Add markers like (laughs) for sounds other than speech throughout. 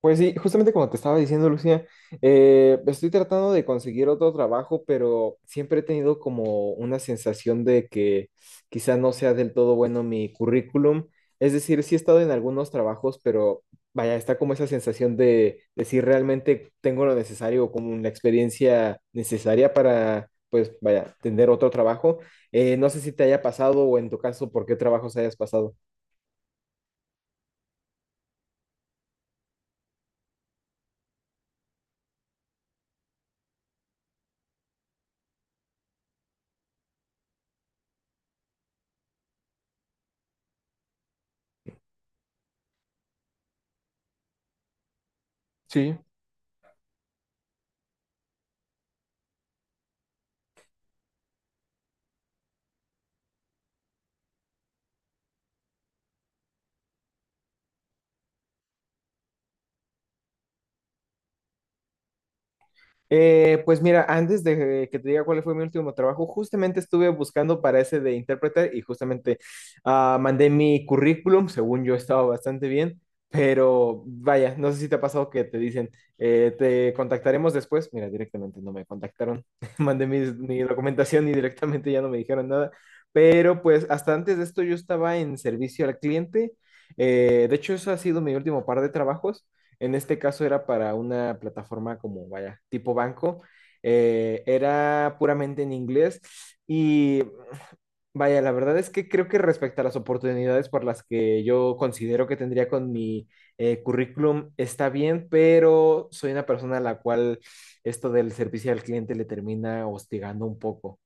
Pues sí, justamente como te estaba diciendo, Lucía, estoy tratando de conseguir otro trabajo, pero siempre he tenido como una sensación de que quizá no sea del todo bueno mi currículum. Es decir, sí he estado en algunos trabajos, pero vaya, está como esa sensación de si realmente tengo lo necesario o como la experiencia necesaria para, pues vaya, tener otro trabajo. No sé si te haya pasado o en tu caso, por qué trabajos hayas pasado. Sí. Pues mira, antes de que te diga cuál fue mi último trabajo, justamente estuve buscando para ese de intérprete y justamente mandé mi currículum, según yo estaba bastante bien, pero vaya, no sé si te ha pasado que te dicen, te contactaremos después. Mira, directamente no me contactaron, (laughs) mandé mi documentación y directamente ya no me dijeron nada, pero pues hasta antes de esto yo estaba en servicio al cliente. De hecho, eso ha sido mi último par de trabajos. En este caso era para una plataforma como, vaya, tipo banco. Era puramente en inglés y vaya, la verdad es que creo que respecto a las oportunidades por las que yo considero que tendría con mi currículum está bien, pero soy una persona a la cual esto del servicio al cliente le termina hostigando un poco.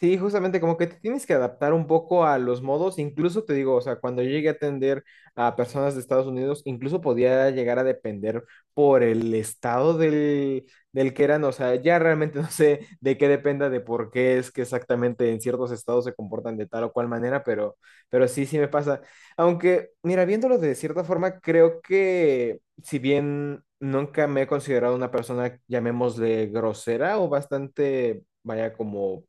Sí, justamente como que te tienes que adaptar un poco a los modos, incluso te digo, o sea, cuando yo llegué a atender a personas de Estados Unidos, incluso podía llegar a depender por el estado del que eran, o sea, ya realmente (laughs) no sé de qué dependa de por qué es que exactamente en ciertos estados se comportan de tal o cual manera, pero sí, sí me pasa. Aunque, mira, viéndolo de cierta forma, creo que si bien nunca me he considerado una persona, llamémosle grosera o bastante, vaya, como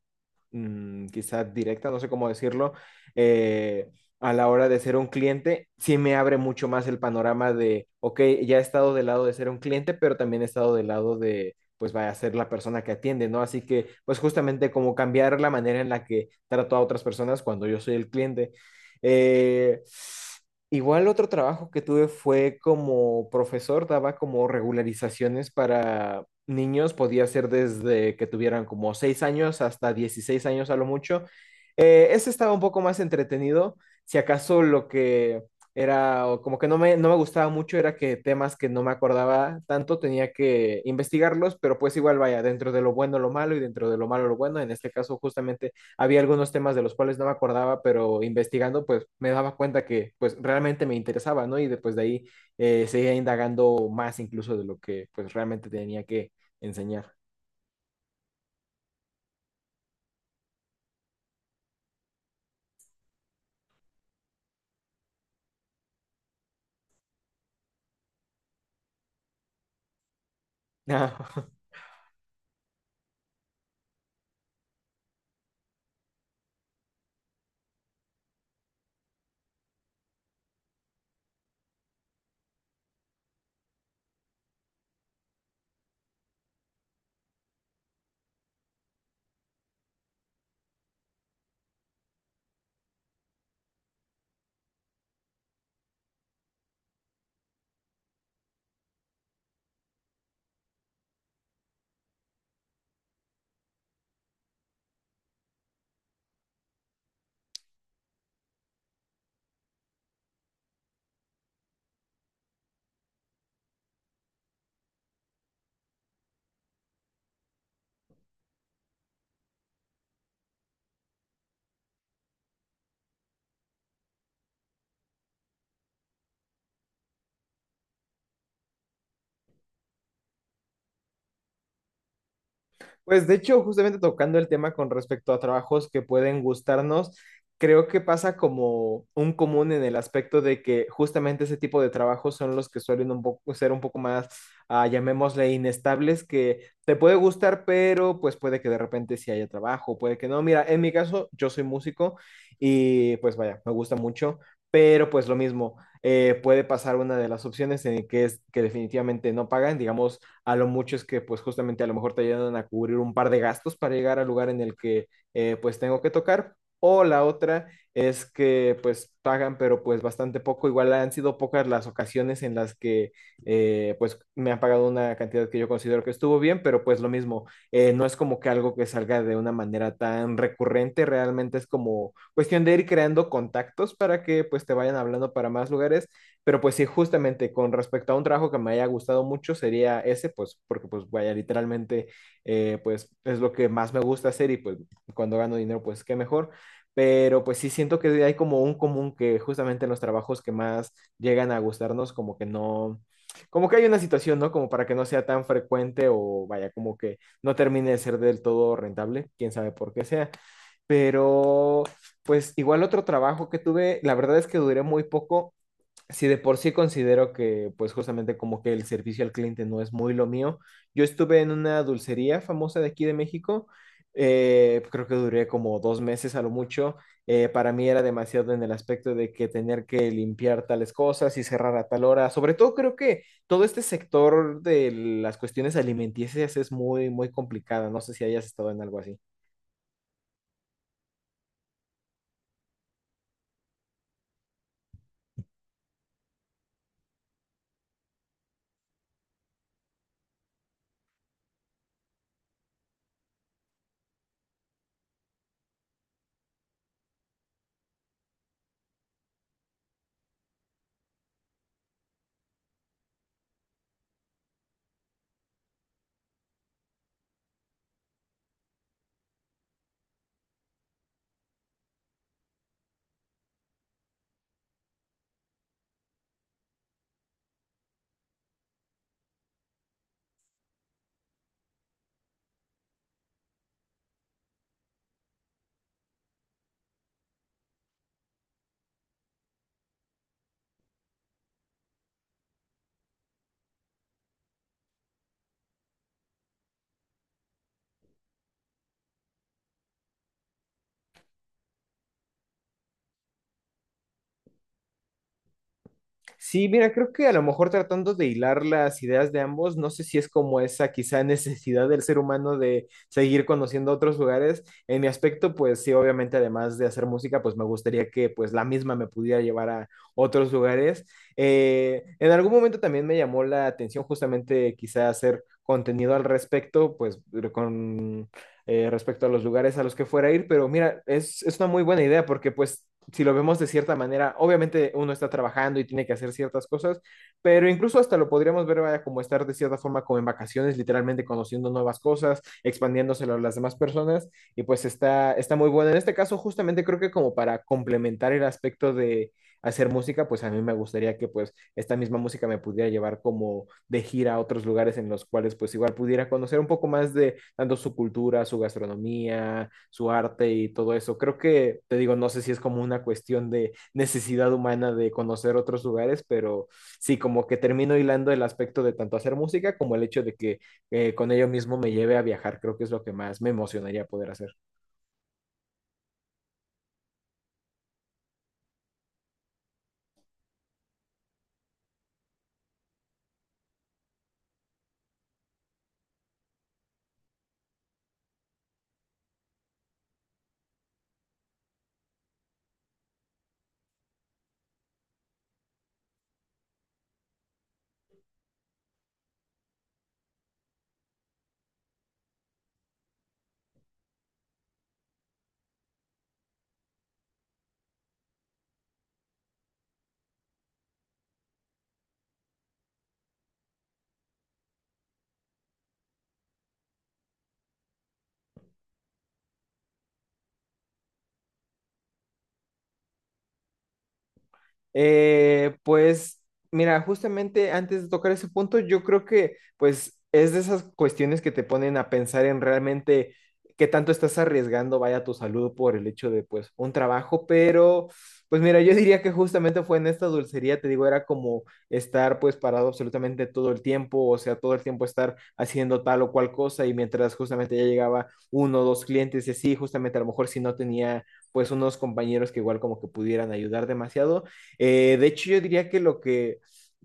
quizás directa, no sé cómo decirlo, eh, a la hora de ser un cliente, sí me abre mucho más el panorama de, ok, ya he estado del lado de ser un cliente, pero también he estado del lado de, pues vaya a ser la persona que atiende, ¿no? Así que, pues justamente como cambiar la manera en la que trato a otras personas cuando yo soy el cliente. Eh, Igual otro trabajo que tuve fue como profesor, daba como regularizaciones para niños, podía ser desde que tuvieran como 6 años hasta 16 años a lo mucho. Ese estaba un poco más entretenido, si acaso lo que era o como que no me gustaba mucho era que temas que no me acordaba tanto tenía que investigarlos, pero pues igual vaya, dentro de lo bueno lo malo y dentro de lo malo lo bueno, en este caso justamente había algunos temas de los cuales no me acordaba, pero investigando pues me daba cuenta que pues realmente me interesaba, ¿no? Y después de ahí seguía indagando más incluso de lo que pues realmente tenía que enseñar. (laughs) Pues de hecho, justamente tocando el tema con respecto a trabajos que pueden gustarnos, creo que pasa como un común en el aspecto de que justamente ese tipo de trabajos son los que suelen un poco, ser un poco más, llamémosle, inestables, que te puede gustar, pero pues puede que de repente sí haya trabajo, puede que no. Mira, en mi caso, yo soy músico y pues vaya, me gusta mucho, pero pues lo mismo, puede pasar una de las opciones en que es que definitivamente no pagan, digamos. A lo mucho es que pues justamente a lo mejor te ayudan a cubrir un par de gastos para llegar al lugar en el que pues tengo que tocar. O la otra es que pues pagan, pero pues bastante poco. Igual han sido pocas las ocasiones en las que pues me han pagado una cantidad que yo considero que estuvo bien, pero pues lo mismo, no es como que algo que salga de una manera tan recurrente, realmente es como cuestión de ir creando contactos para que pues te vayan hablando para más lugares, pero pues sí, justamente con respecto a un trabajo que me haya gustado mucho sería ese, pues porque pues vaya, literalmente, pues es lo que más me gusta hacer y pues cuando gano dinero, pues qué mejor. Pero pues sí siento que hay como un común que justamente en los trabajos que más llegan a gustarnos como que no, como que hay una situación, ¿no? Como para que no sea tan frecuente o vaya, como que no termine de ser del todo rentable, quién sabe por qué sea. Pero pues igual otro trabajo que tuve, la verdad es que duré muy poco, si de por sí considero que, pues justamente como que el servicio al cliente no es muy lo mío, yo estuve en una dulcería famosa de aquí de México, creo que duré como 2 meses a lo mucho, para mí era demasiado en el aspecto de que tener que limpiar tales cosas y cerrar a tal hora, sobre todo creo que todo este sector de las cuestiones alimenticias es muy, muy complicada, no sé si hayas estado en algo así. Sí, mira, creo que a lo mejor tratando de hilar las ideas de ambos, no sé si es como esa quizá (laughs) necesidad del ser humano de seguir conociendo otros lugares. En mi aspecto, pues sí, obviamente además de hacer música, pues me gustaría que pues la misma me pudiera llevar a otros lugares. En algún momento también me llamó la atención justamente quizá hacer contenido al respecto, pues con respecto a los lugares a los que fuera a ir, pero mira, es una muy buena idea porque pues si lo vemos de cierta manera, obviamente uno está trabajando y tiene que hacer ciertas cosas, pero incluso hasta lo podríamos ver vaya, como estar de cierta forma como en vacaciones, literalmente conociendo nuevas cosas, expandiéndoselo a las demás personas, y pues está muy bueno. En este caso, justamente creo que como para complementar el aspecto de hacer música, pues a mí me gustaría que pues esta misma música me pudiera llevar como de gira a otros lugares en los cuales pues igual pudiera conocer un poco más de tanto su cultura, su gastronomía, su arte y todo eso. Creo que, te digo, no sé si es como una cuestión de necesidad humana de conocer otros lugares, pero sí, como que termino hilando el aspecto de tanto hacer música como el hecho de que con ello mismo me lleve a viajar. Creo que es lo que más me emocionaría poder hacer. Pues mira, justamente antes de tocar ese punto, yo creo que pues es de esas cuestiones que te ponen a pensar en realmente qué tanto estás arriesgando, vaya tu salud por el hecho de pues un trabajo, pero pues mira, yo diría que justamente fue en esta dulcería, te digo, era como estar pues parado absolutamente todo el tiempo, o sea, todo el tiempo estar haciendo tal o cual cosa y mientras justamente ya llegaba uno o dos clientes y así, justamente a lo mejor si no tenía pues unos compañeros que igual como que pudieran ayudar demasiado, de hecho, yo diría que lo que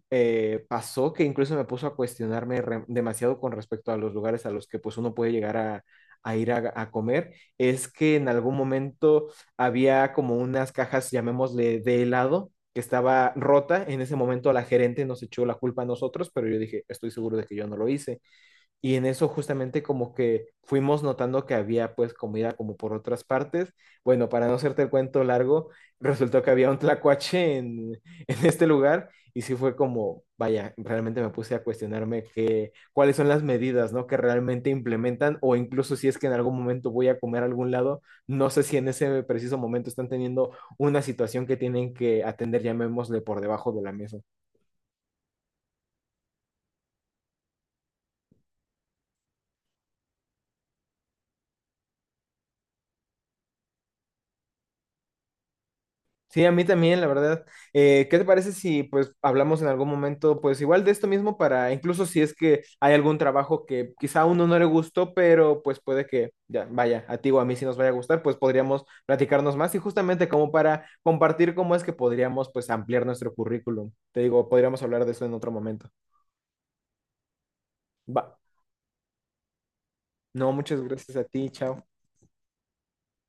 pasó, que incluso me puso a cuestionarme demasiado con respecto a los lugares a los que pues uno puede llegar a ir a comer, es que en algún momento había como unas cajas, llamémosle, de helado que estaba rota. En ese momento la gerente nos echó la culpa a nosotros, pero yo dije, estoy seguro de que yo no lo hice. Y en eso justamente como que fuimos notando que había pues comida como por otras partes. Bueno, para no hacerte el cuento largo, resultó que había un tlacuache (laughs) en este lugar y sí fue como, vaya, realmente me puse a cuestionarme que, cuáles son las medidas, ¿no? Que realmente implementan o incluso si es que en algún momento voy a comer a algún lado, no sé si en ese preciso momento están teniendo una situación que tienen que atender, llamémosle, por debajo de la mesa. Sí, a mí también, la verdad. ¿Qué te parece si pues hablamos en algún momento pues igual de esto mismo para incluso si es que hay algún trabajo que quizá a uno no le gustó, pero pues puede que ya vaya, a ti o a mí si nos vaya a gustar, pues podríamos platicarnos más y justamente como para compartir cómo es que podríamos pues ampliar nuestro currículum. Te digo, podríamos hablar de eso en otro momento. Va. No, muchas gracias a ti, chao.